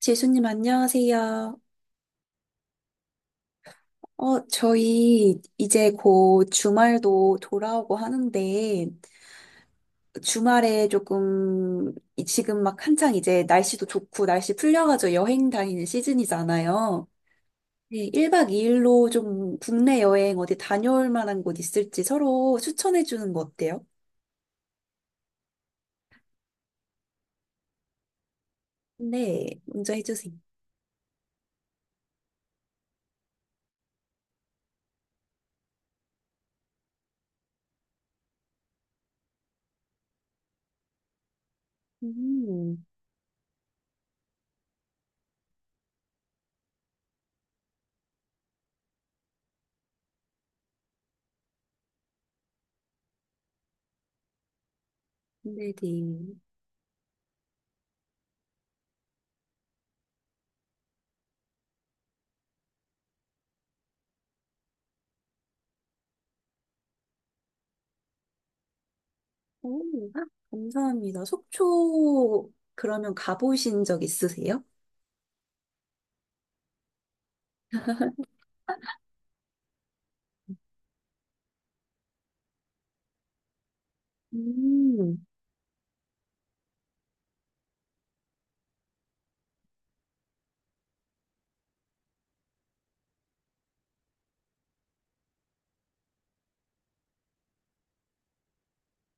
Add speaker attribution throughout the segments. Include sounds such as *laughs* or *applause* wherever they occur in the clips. Speaker 1: 지수님, 안녕하세요. 저희 이제 곧 주말도 돌아오고 하는데, 주말에 조금, 지금 막 한창 이제 날씨도 좋고, 날씨 풀려가지고 여행 다니는 시즌이잖아요. 네, 1박 2일로 좀 국내 여행 어디 다녀올 만한 곳 있을지 서로 추천해 주는 거 어때요? 네, 먼저 해주세요. 음, 네네. 오, 아, 감사합니다. 속초 그러면 가보신 적 있으세요? 음.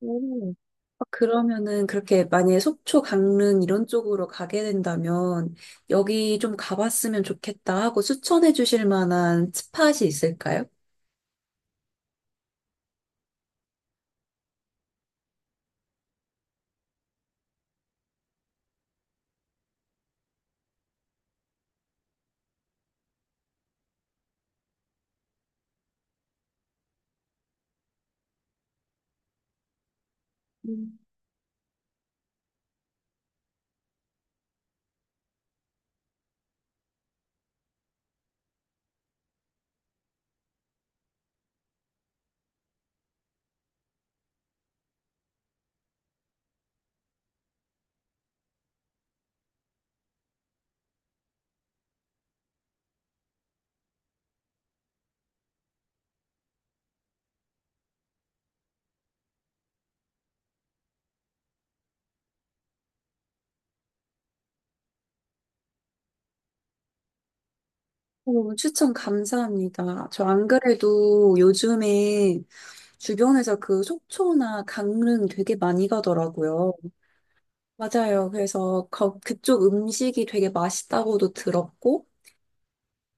Speaker 1: 오. 아, 그러면은 그렇게 만약에 속초, 강릉 이런 쪽으로 가게 된다면 여기 좀 가봤으면 좋겠다 하고 추천해 주실 만한 스팟이 있을까요? 음. 오, 추천 감사합니다. 저 안 그래도 요즘에 주변에서 그 속초나 강릉 되게 많이 가더라고요. 맞아요. 그래서 그쪽 음식이 되게 맛있다고도 들었고,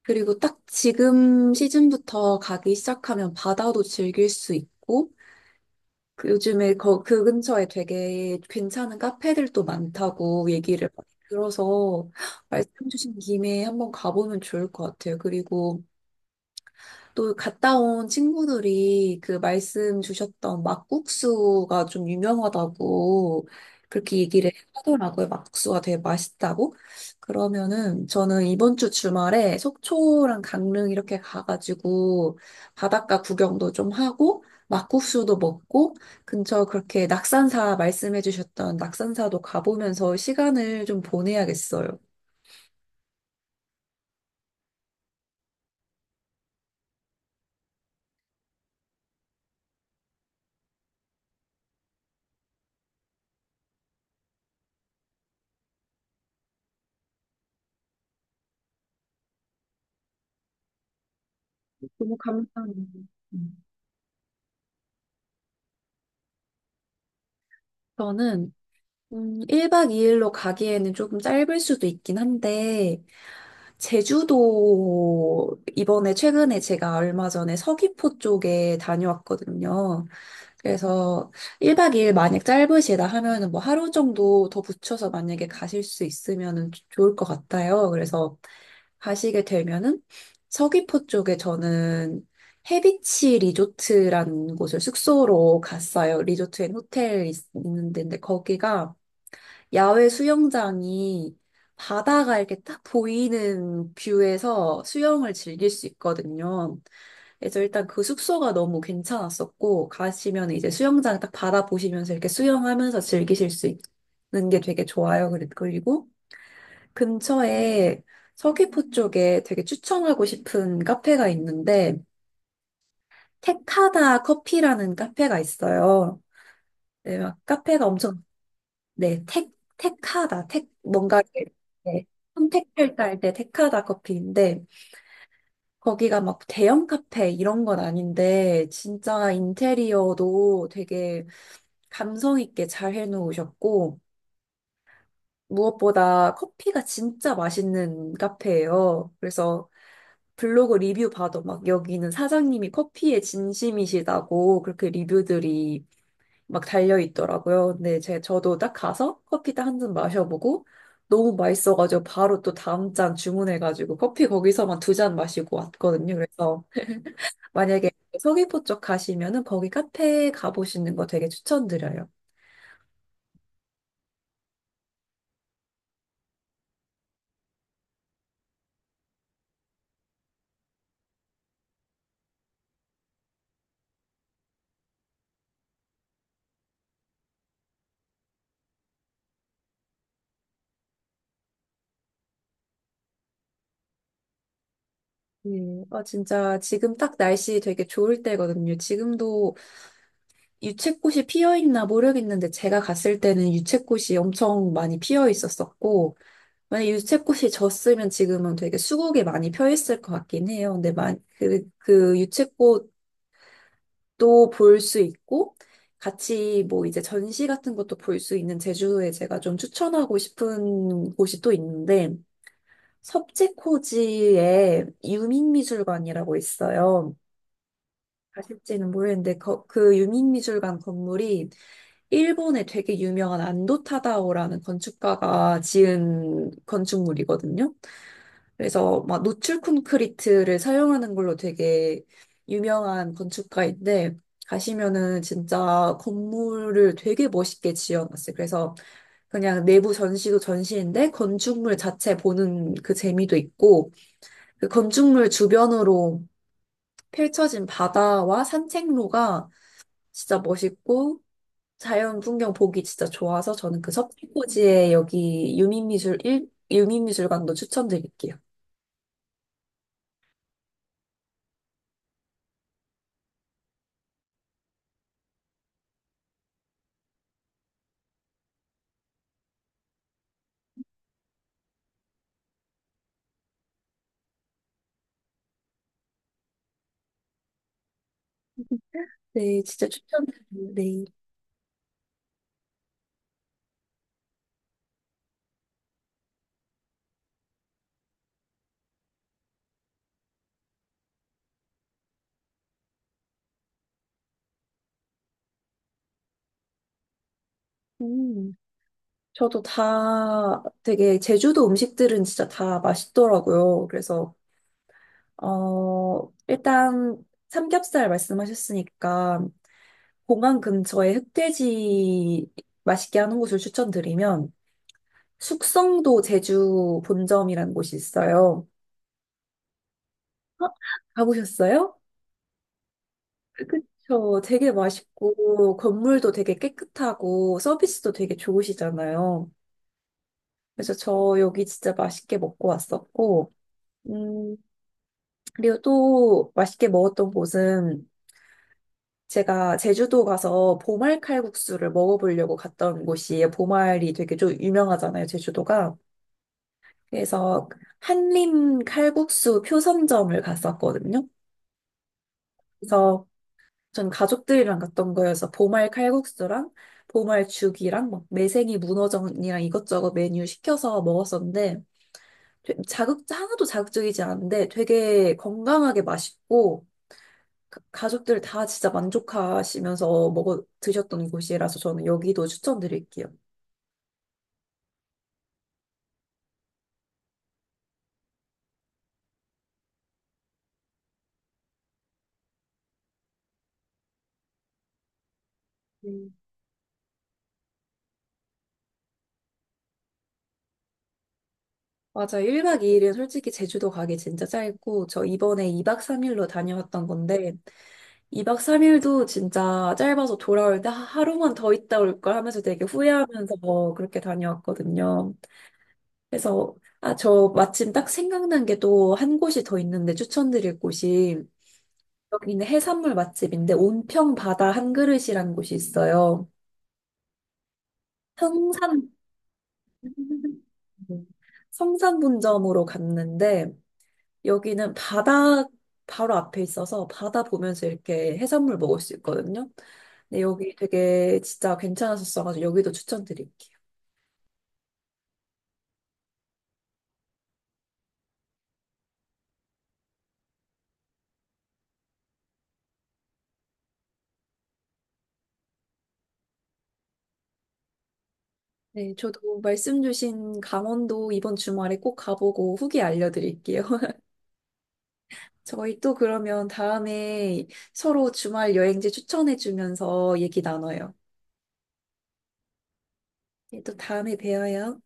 Speaker 1: 그리고 딱 지금 시즌부터 가기 시작하면 바다도 즐길 수 있고, 그 요즘에 거, 그 근처에 되게 괜찮은 카페들도 많다고 얘기를 많이 들어서 말씀 주신 김에 한번 가보면 좋을 것 같아요. 그리고 또 갔다 온 친구들이 그 말씀 주셨던 막국수가 좀 유명하다고 그렇게 얘기를 하더라고요. 막국수가 되게 맛있다고. 그러면은 저는 이번 주 주말에 속초랑 강릉 이렇게 가가지고 바닷가 구경도 좀 하고 막국수도 먹고 근처 그렇게 낙산사 말씀해 주셨던 낙산사도 가보면서 시간을 좀 보내야겠어요. 너무 감사합니다. 음. 저는 1박 2일로 가기에는 조금 짧을 수도 있긴 한데, 제주도 이번에 최근에 제가 얼마 전에 서귀포 쪽에 다녀왔거든요. 그래서 1박 2일 만약 짧으시다 하면은 뭐 하루 정도 더 붙여서 만약에 가실 수 있으면은 좋을 것 같아요. 그래서 가시게 되면은 서귀포 쪽에 저는 해비치 리조트라는 곳을 숙소로 갔어요. 리조트 앤 호텔 있는 데인데 거기가 야외 수영장이 바다가 이렇게 딱 보이는 뷰에서 수영을 즐길 수 있거든요. 그래서 일단 그 숙소가 너무 괜찮았었고, 가시면 이제 수영장 딱 바다 보시면서 이렇게 수영하면서 즐기실 수 있는 게 되게 좋아요. 그리고 근처에 서귀포 쪽에 되게 추천하고 싶은 카페가 있는데, 테카다 커피라는 카페가 있어요. 네, 막 카페가 엄청. 네, 택하다. 택, 뭔가, 이렇게, 네, 선택할 때할때 택하다 커피인데, 거기가 막 대형 카페 이런 건 아닌데, 진짜 인테리어도 되게 감성 있게 잘 해놓으셨고, 무엇보다 커피가 진짜 맛있는 카페예요. 그래서 블로그 리뷰 봐도 막 여기는 사장님이 커피에 진심이시다고 그렇게 리뷰들이 막 달려 있더라고요. 근데 제 저도 딱 가서 커피 딱 한 잔 마셔보고 너무 맛있어가지고 바로 또 다음 잔 주문해가지고 커피 거기서만 두 잔 마시고 왔거든요. 그래서 만약에 서귀포 쪽 가시면은 거기 카페 가보시는 거 되게 추천드려요. 네, 아, 진짜 지금 딱 날씨 되게 좋을 때거든요. 지금도 유채꽃이 피어 있나 모르겠는데 제가 갔을 때는 유채꽃이 엄청 많이 피어 있었었고, 만약 유채꽃이 졌으면 지금은 되게 수국에 많이 펴 있을 것 같긴 해요. 근데 그 유채꽃도 볼 수 있고 같이 뭐 이제 전시 같은 것도 볼 수 있는 제주도에 제가 좀 추천하고 싶은 곳이 또 있는데 섭지코지에 유민미술관이라고 있어요. 아실지는 모르겠는데 그 유민미술관 건물이 일본의 되게 유명한 안도 타다오라는 건축가가 지은 건축물이거든요. 그래서 막 노출 콘크리트를 사용하는 걸로 되게 유명한 건축가인데 가시면은 진짜 건물을 되게 멋있게 지어놨어요. 그래서 그냥 내부 전시도 전시인데 건축물 자체 보는 그 재미도 있고 그 건축물 주변으로 펼쳐진 바다와 산책로가 진짜 멋있고 자연 풍경 보기 진짜 좋아서 저는 그 서귀포지에 여기 유민미술관도 추천드릴게요. 네, 진짜 추천드려요. 네. 음. 저도 다 되게 제주도 음식들은 진짜 다 맛있더라고요. 그래서 어 일단 삼겹살 말씀하셨으니까 공항 근처에 흑돼지 맛있게 하는 곳을 추천드리면 숙성도 제주 본점이라는 곳이 있어요. 어? 가보셨어요? 저 되게 맛있고 건물도 되게 깨끗하고 서비스도 되게 좋으시잖아요. 그래서 저 여기 진짜 맛있게 먹고 왔었고, 음, 그리고 또 맛있게 먹었던 곳은 제가 제주도 가서 보말 칼국수를 먹어보려고 갔던 곳이에요. 보말이 되게 좀 유명하잖아요, 제주도가. 그래서 한림 칼국수 표선점을 갔었거든요. 그래서 전 가족들이랑 갔던 거여서 보말 칼국수랑 보말 죽이랑 막 매생이 문어전이랑 이것저것 메뉴 시켜서 먹었었는데 자극 하나도 자극적이지 않은데 되게 건강하게 맛있고 가족들 다 진짜 만족하시면서 먹어 드셨던 곳이라서 저는 여기도 추천드릴게요. 음. 맞아. 1박 2일은 솔직히 제주도 가기 진짜 짧고, 저 이번에 2박 3일로 다녀왔던 건데, 2박 3일도 진짜 짧아서 돌아올 때 하루만 더 있다 올 걸 하면서 되게 후회하면서 뭐 그렇게 다녀왔거든요. 그래서 아, 저 마침 딱 생각난 게 또 한 곳이 더 있는데 추천드릴 곳이 여기는 해산물 맛집인데 온평 바다 한 그릇이라는 곳이 있어요. 성산 *laughs* 성산분점으로 갔는데 여기는 바다 바로 앞에 있어서 바다 보면서 이렇게 해산물 먹을 수 있거든요. 근데 여기 되게 진짜 괜찮았었어가지고 여기도 추천드릴게요. 네, 저도 말씀 주신 강원도 이번 주말에 꼭 가보고 후기 알려드릴게요. *laughs* 저희 또 그러면 다음에 서로 주말 여행지 추천해주면서 얘기 나눠요. 네, 또 다음에 봬요.